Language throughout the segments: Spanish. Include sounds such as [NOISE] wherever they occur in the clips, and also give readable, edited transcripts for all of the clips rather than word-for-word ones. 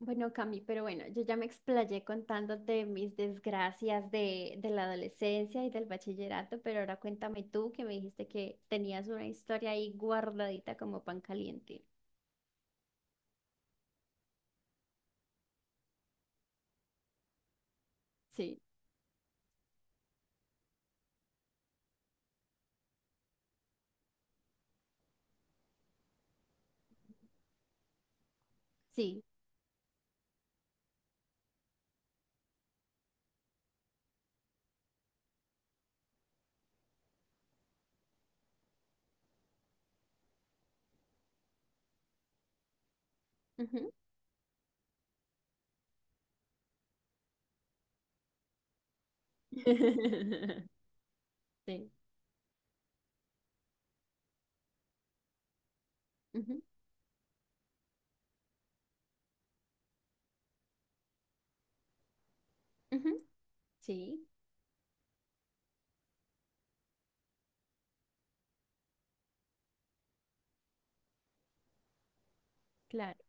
Bueno, Cami, pero bueno, yo ya me explayé contándote mis desgracias de la adolescencia y del bachillerato, pero ahora cuéntame tú que me dijiste que tenías una historia ahí guardadita como pan caliente. Sí. Sí. Ujú. [LAUGHS] Sí. Ujú, ujú, sí, claro.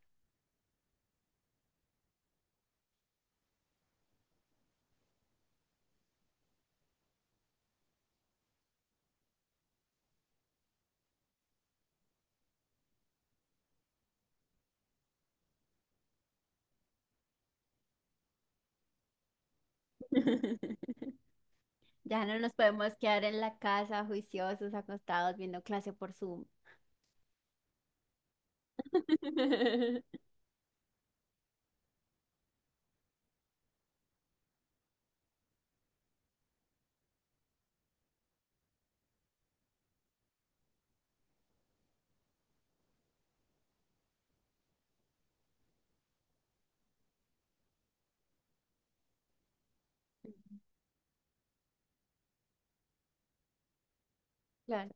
[LAUGHS] Ya no nos podemos quedar en la casa juiciosos, acostados, viendo clase por Zoom. [LAUGHS] Claro.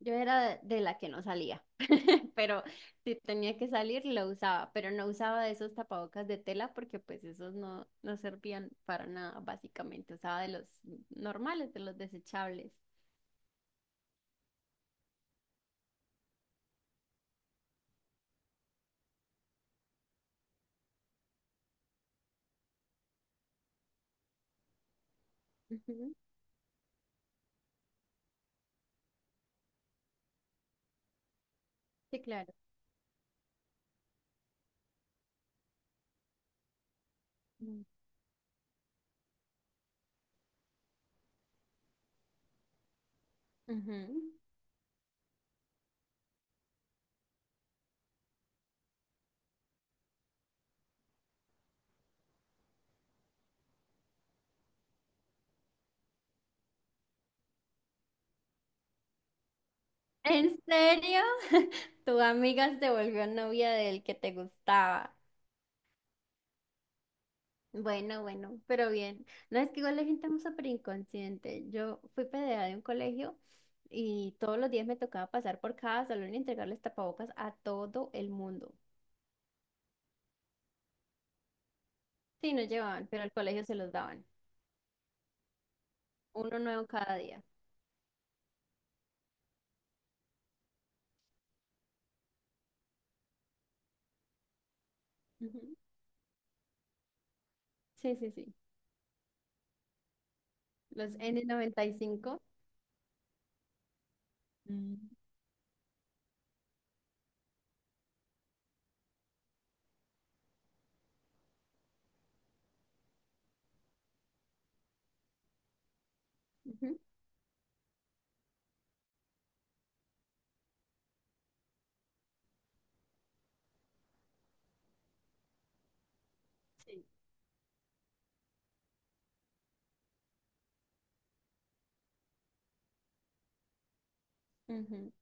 Yo era de la que no salía, [LAUGHS] pero si tenía que salir lo usaba, pero no usaba esos tapabocas de tela porque pues esos no servían para nada, básicamente. Usaba de los normales, de los desechables. Ujú, sí, claro. Mm. Ujú. ¿En serio? [LAUGHS] Tu amiga se volvió novia del que te gustaba. Bueno, bueno, pero bien. No, es que igual la gente es súper inconsciente. Yo fui PDA de un colegio y todos los días me tocaba pasar por cada salón y entregarles tapabocas a todo el mundo. Sí, no llevaban, pero al colegio se los daban. Uno nuevo cada día. Ujú. Sí, sí, sí. Los N95. Mm. Ujú. Sí. Ujú.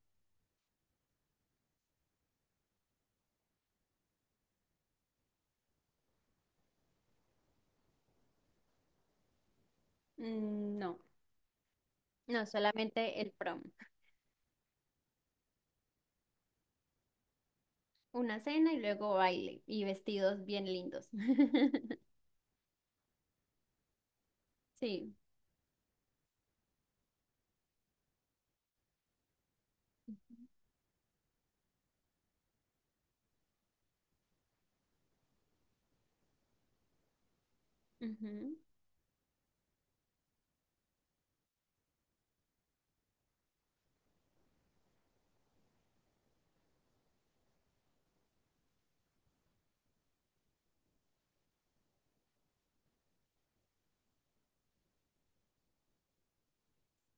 Mm, no, no, solamente el prom. Una cena y luego baile y vestidos bien lindos. [LAUGHS] Sí. Ujú.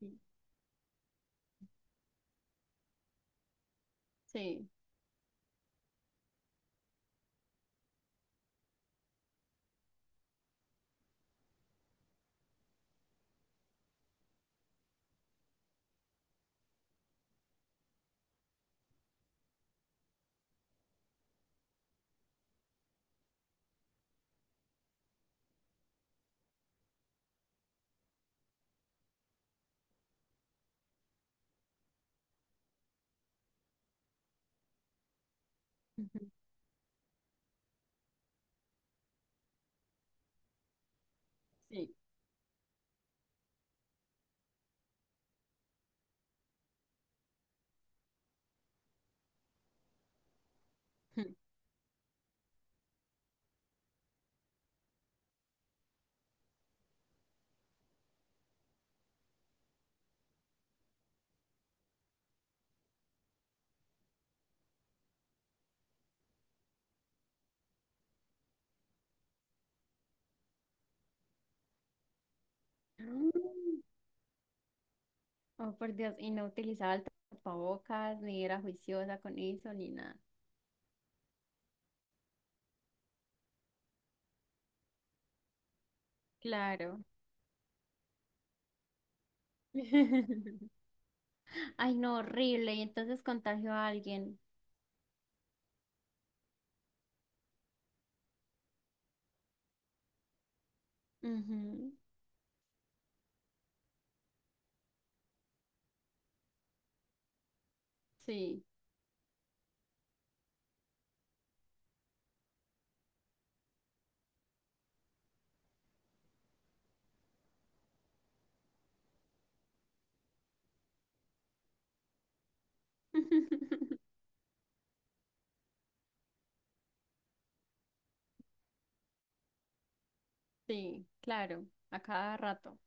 Sí. Sí. Ujú, sí. [LAUGHS] Mm. Oh, por Dios, y no utilizaba el tapabocas, ni era juiciosa con eso, ni nada. Claro. [LAUGHS] Ay, no, horrible. Y entonces contagió a alguien. Ujú, sí. [LAUGHS] Sí, claro, a cada rato.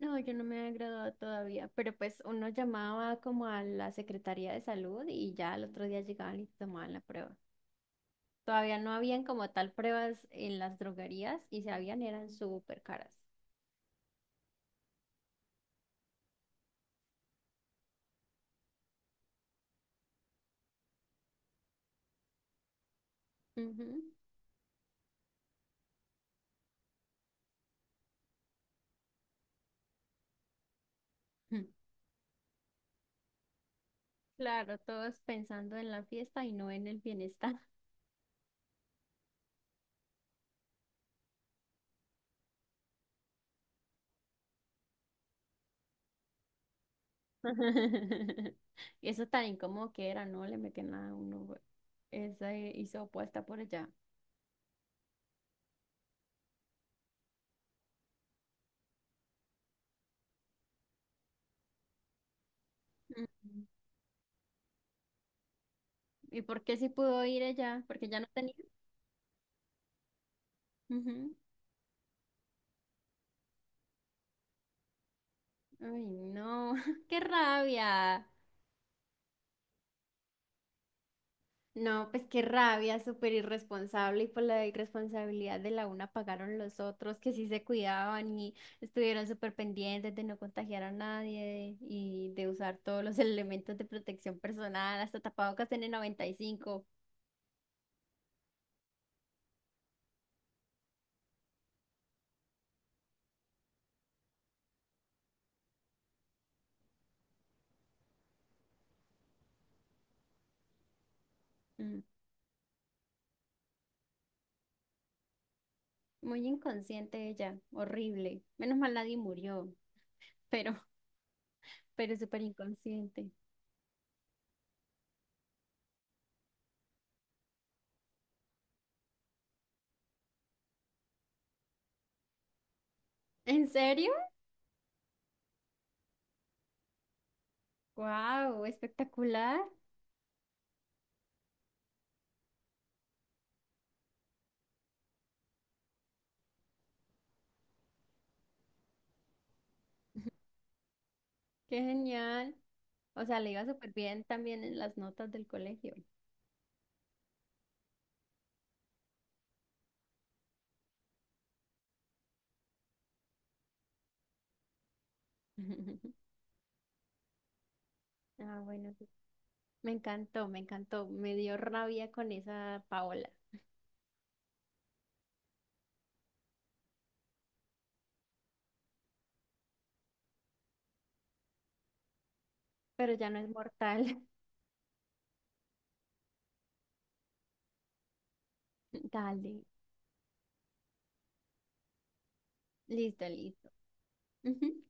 No, yo no me había graduado todavía, pero pues uno llamaba como a la Secretaría de Salud y ya al otro día llegaban y tomaban la prueba. Todavía no habían como tal pruebas en las droguerías y si habían eran súper caras. Ujú. [LAUGHS] Claro, todos pensando en la fiesta y no en el bienestar. [LAUGHS] Y eso tan incómodo que era, ¿no? Le metían a uno güey, esa hizo opuesta por allá. Ujú. ¿Y por qué sí pudo ir ella? Porque ya no tenía. Ujú. Ay, no, [LAUGHS] qué rabia. No, pues qué rabia, súper irresponsable y por la irresponsabilidad de la una pagaron los otros que sí se cuidaban y estuvieron súper pendientes de no contagiar a nadie y de usar todos los [LAUGHS] elementos de protección personal, hasta tapabocas en el 95. Mm, muy inconsciente ella, horrible. Menos mal nadie murió, pero, pero súper inconsciente. ¿En serio? ¡Wow! Espectacular, qué genial. O sea, le iba súper bien también en las notas del colegio. [LAUGHS] Ah, bueno, sí. Me encantó, me encantó. Me dio rabia con esa Paola, pero ya no es mortal. [LAUGHS] Dale, listo, listo. Ujú.